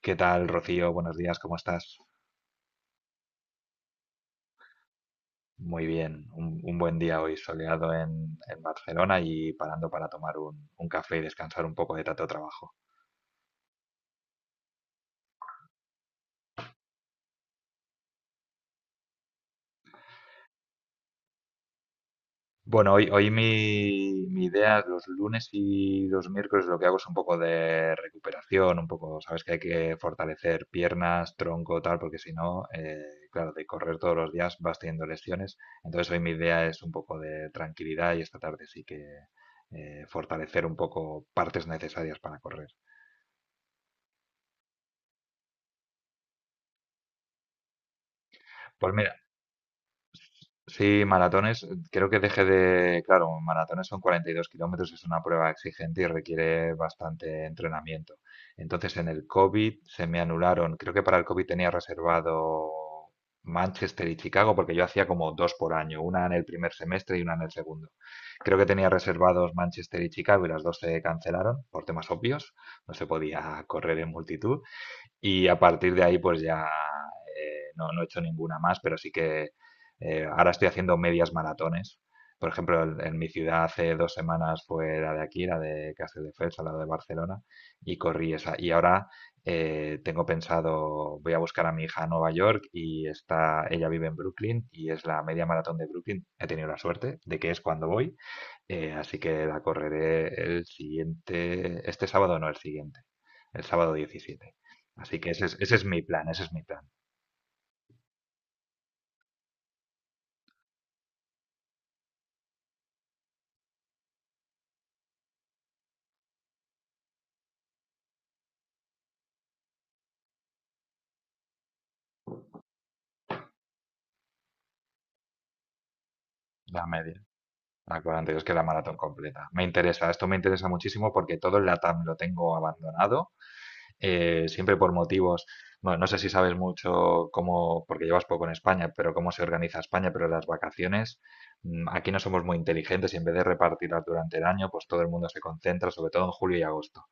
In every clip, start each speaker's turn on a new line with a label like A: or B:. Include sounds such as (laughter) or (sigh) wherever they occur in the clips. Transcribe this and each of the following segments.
A: ¿Qué tal, Rocío? Buenos días, ¿cómo estás? Muy bien, un buen día hoy soleado en Barcelona y parando para tomar un café y descansar un poco de tanto trabajo. Bueno, hoy mi idea, los lunes y los miércoles lo que hago es un poco de recuperación, un poco, sabes que hay que fortalecer piernas, tronco, tal, porque si no, claro, de correr todos los días vas teniendo lesiones. Entonces hoy mi idea es un poco de tranquilidad y esta tarde sí que fortalecer un poco partes necesarias para correr. Pues mira, sí, maratones, creo que dejé de, claro, maratones son 42 kilómetros, es una prueba exigente y requiere bastante entrenamiento. Entonces en el COVID se me anularon, creo que para el COVID tenía reservado Manchester y Chicago, porque yo hacía como dos por año, una en el primer semestre y una en el segundo. Creo que tenía reservados Manchester y Chicago y las dos se cancelaron por temas obvios, no se podía correr en multitud. Y a partir de ahí, pues ya no he hecho ninguna más, pero sí que ahora estoy haciendo medias maratones. Por ejemplo, en mi ciudad hace 2 semanas fue la de aquí, la de Castelldefels, al lado de Barcelona, y corrí esa. Y ahora tengo pensado, voy a buscar a mi hija a Nueva York y está, ella vive en Brooklyn y es la media maratón de Brooklyn. He tenido la suerte de que es cuando voy, así que la correré el siguiente, este sábado no, el siguiente, el sábado 17. Así que ese es mi plan, ese es mi plan. La media, la 42, que es la maratón completa. Me interesa, esto me interesa muchísimo porque todo el LATAM lo tengo abandonado siempre por motivos, no sé si sabes mucho cómo, porque llevas poco en España, pero cómo se organiza España, pero las vacaciones, aquí no somos muy inteligentes y en vez de repartirlas durante el año, pues todo el mundo se concentra, sobre todo en julio y agosto.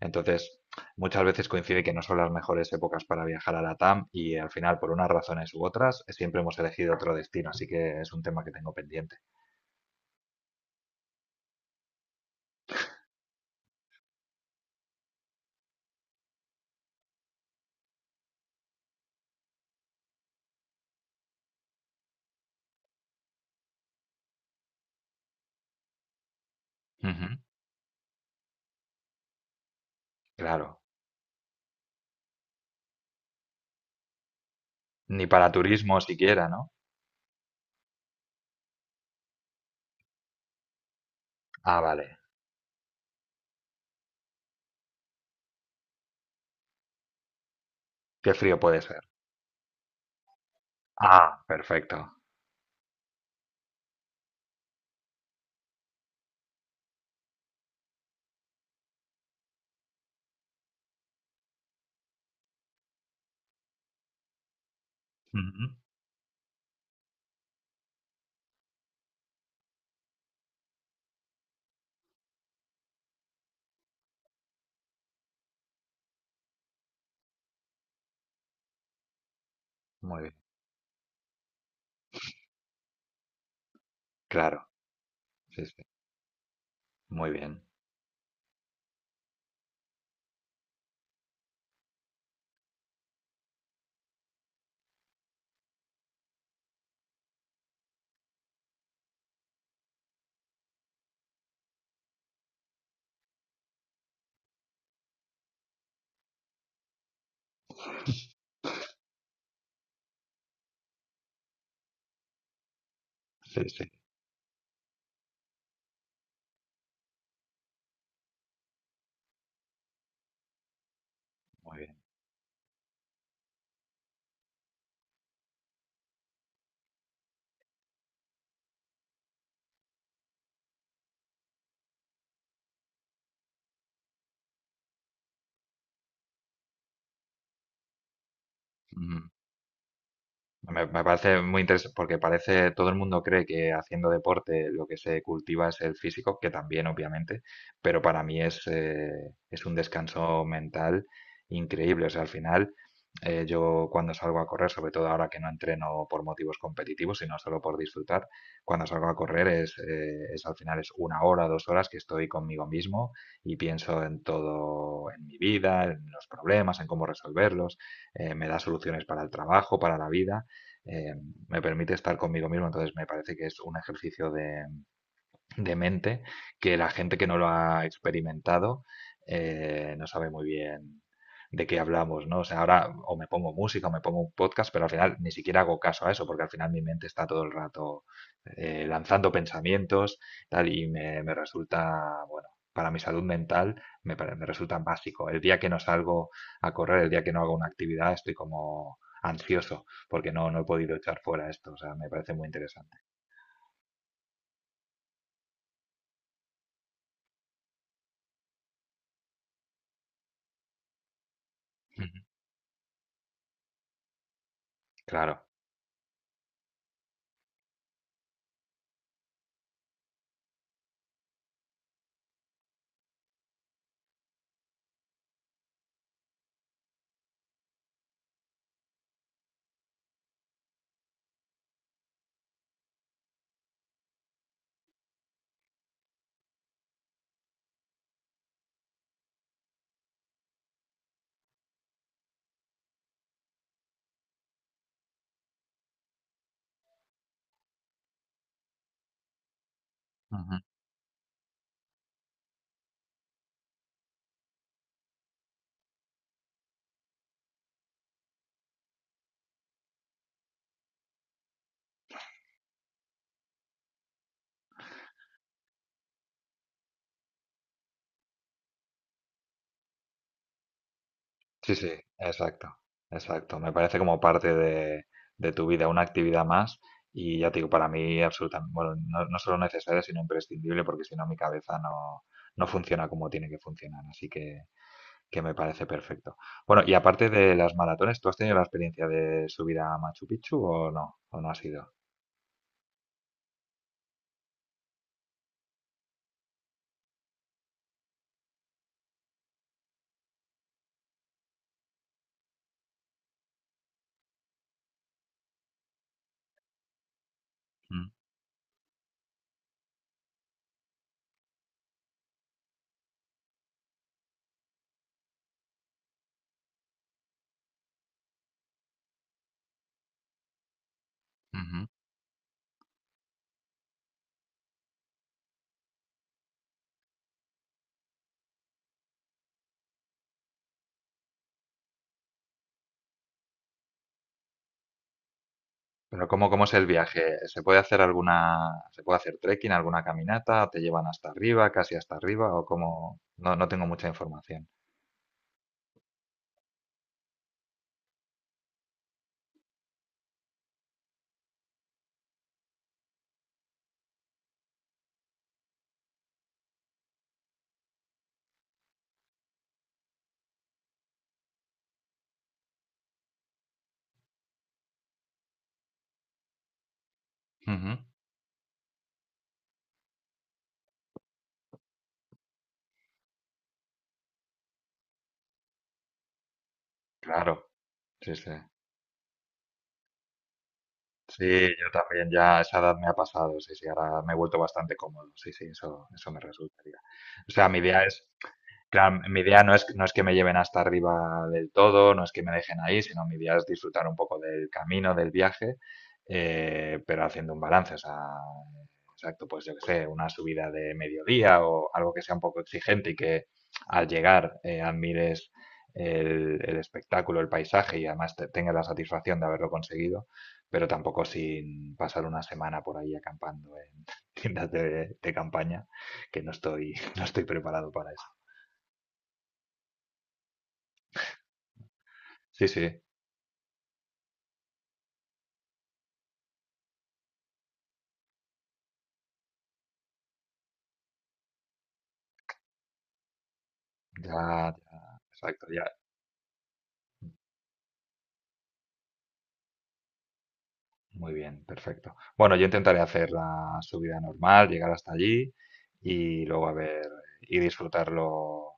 A: Entonces, muchas veces coincide que no son las mejores épocas para viajar a la TAM y al final, por unas razones u otras, siempre hemos elegido otro destino, así que es un tema que tengo pendiente. Ujú, claro, ni para turismo siquiera, ¿no? Ah, vale, qué frío puede ser. Ah, perfecto. Muy bien, claro, sí, sí, muy bien, sí, sí, muy bien. Ujú. Me parece muy interesante porque parece, todo el mundo cree que haciendo deporte lo que se cultiva es el físico, que también obviamente, pero para mí es un descanso mental increíble. O sea, al final yo cuando salgo a correr, sobre todo ahora que no entreno por motivos competitivos, sino solo por disfrutar, cuando salgo a correr es al final es una hora, 2 horas que estoy conmigo mismo y pienso en todo, en mi vida, en los problemas, en cómo resolverlos, me da soluciones para el trabajo, para la vida eh, me permite estar conmigo mismo, entonces me parece que es un ejercicio de mente que la gente que no lo ha experimentado no sabe muy bien de qué hablamos, ¿no? O sea, ahora o me pongo música o me pongo un podcast, pero al final ni siquiera hago caso a eso, porque al final mi mente está todo el rato lanzando pensamientos, tal, y me resulta, bueno, para mi salud mental me resulta básico. El día que no salgo a correr, el día que no hago una actividad, estoy como ansioso, porque no he podido echar fuera esto, o sea, me parece muy interesante. Ujú. Claro. Sí, sí, exacto, exacto. Me parece como parte de tu vida, una actividad más. Y ya te digo, para mí absolutamente, bueno, no solo necesaria, sino imprescindible, porque si no mi cabeza no funciona como tiene que funcionar. Así que me parece perfecto. Bueno, y aparte de las maratones, ¿tú has tenido la experiencia de subir a Machu Picchu o no? ¿O no has ido? Mm, ujú. Pero ¿cómo, cómo es el viaje? ¿Se puede hacer alguna, se puede hacer trekking, alguna caminata? ¿Te llevan hasta arriba, casi hasta arriba? ¿O cómo? No, no tengo mucha información. Ujú, claro, sí, sí. Sí, yo también ya a esa edad me ha pasado, sí, sí, ahora me he vuelto bastante cómodo, sí, sí, eso me resultaría. O sea, mi idea es, claro, mi idea no es que me lleven hasta arriba del todo, no es que me dejen ahí, sino mi idea es disfrutar un poco del camino, del viaje, pero haciendo un balance, o sea, exacto, pues yo qué sé, una subida de mediodía o algo que sea un poco exigente y que al llegar admires el espectáculo, el paisaje y además tengas la satisfacción de haberlo conseguido, pero tampoco sin pasar una semana por ahí acampando en (laughs) tiendas de campaña, que no estoy, no estoy preparado para eso. Sí, sí, ya, ya, exacto, ya. Muy bien, perfecto. Bueno, yo intentaré hacer la subida normal, llegar hasta allí y luego a ver y disfrutarlo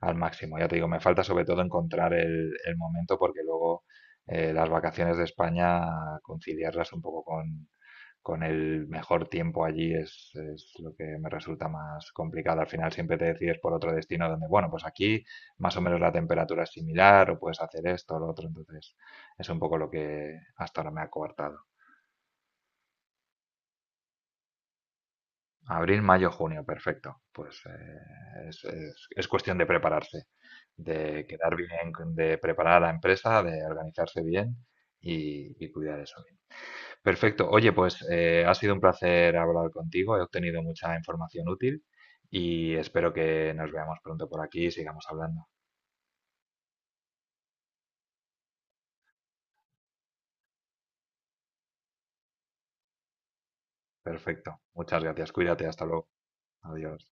A: al máximo. Ya te digo, me falta sobre todo encontrar el momento porque luego las vacaciones de España, conciliarlas un poco con el mejor tiempo allí es lo que me resulta más complicado. Al final siempre te decides por otro destino donde, bueno, pues aquí más o menos la temperatura es similar o puedes hacer esto o lo otro. Entonces es un poco lo que hasta ahora me ha coartado. Abril, mayo, junio, perfecto. Pues es cuestión de prepararse, de quedar bien, de preparar a la empresa, de organizarse bien y cuidar eso. Perfecto. Oye, pues ha sido un placer hablar contigo. He obtenido mucha información útil y espero que nos veamos pronto por aquí y sigamos hablando. Perfecto. Muchas gracias. Cuídate. Hasta luego. Adiós.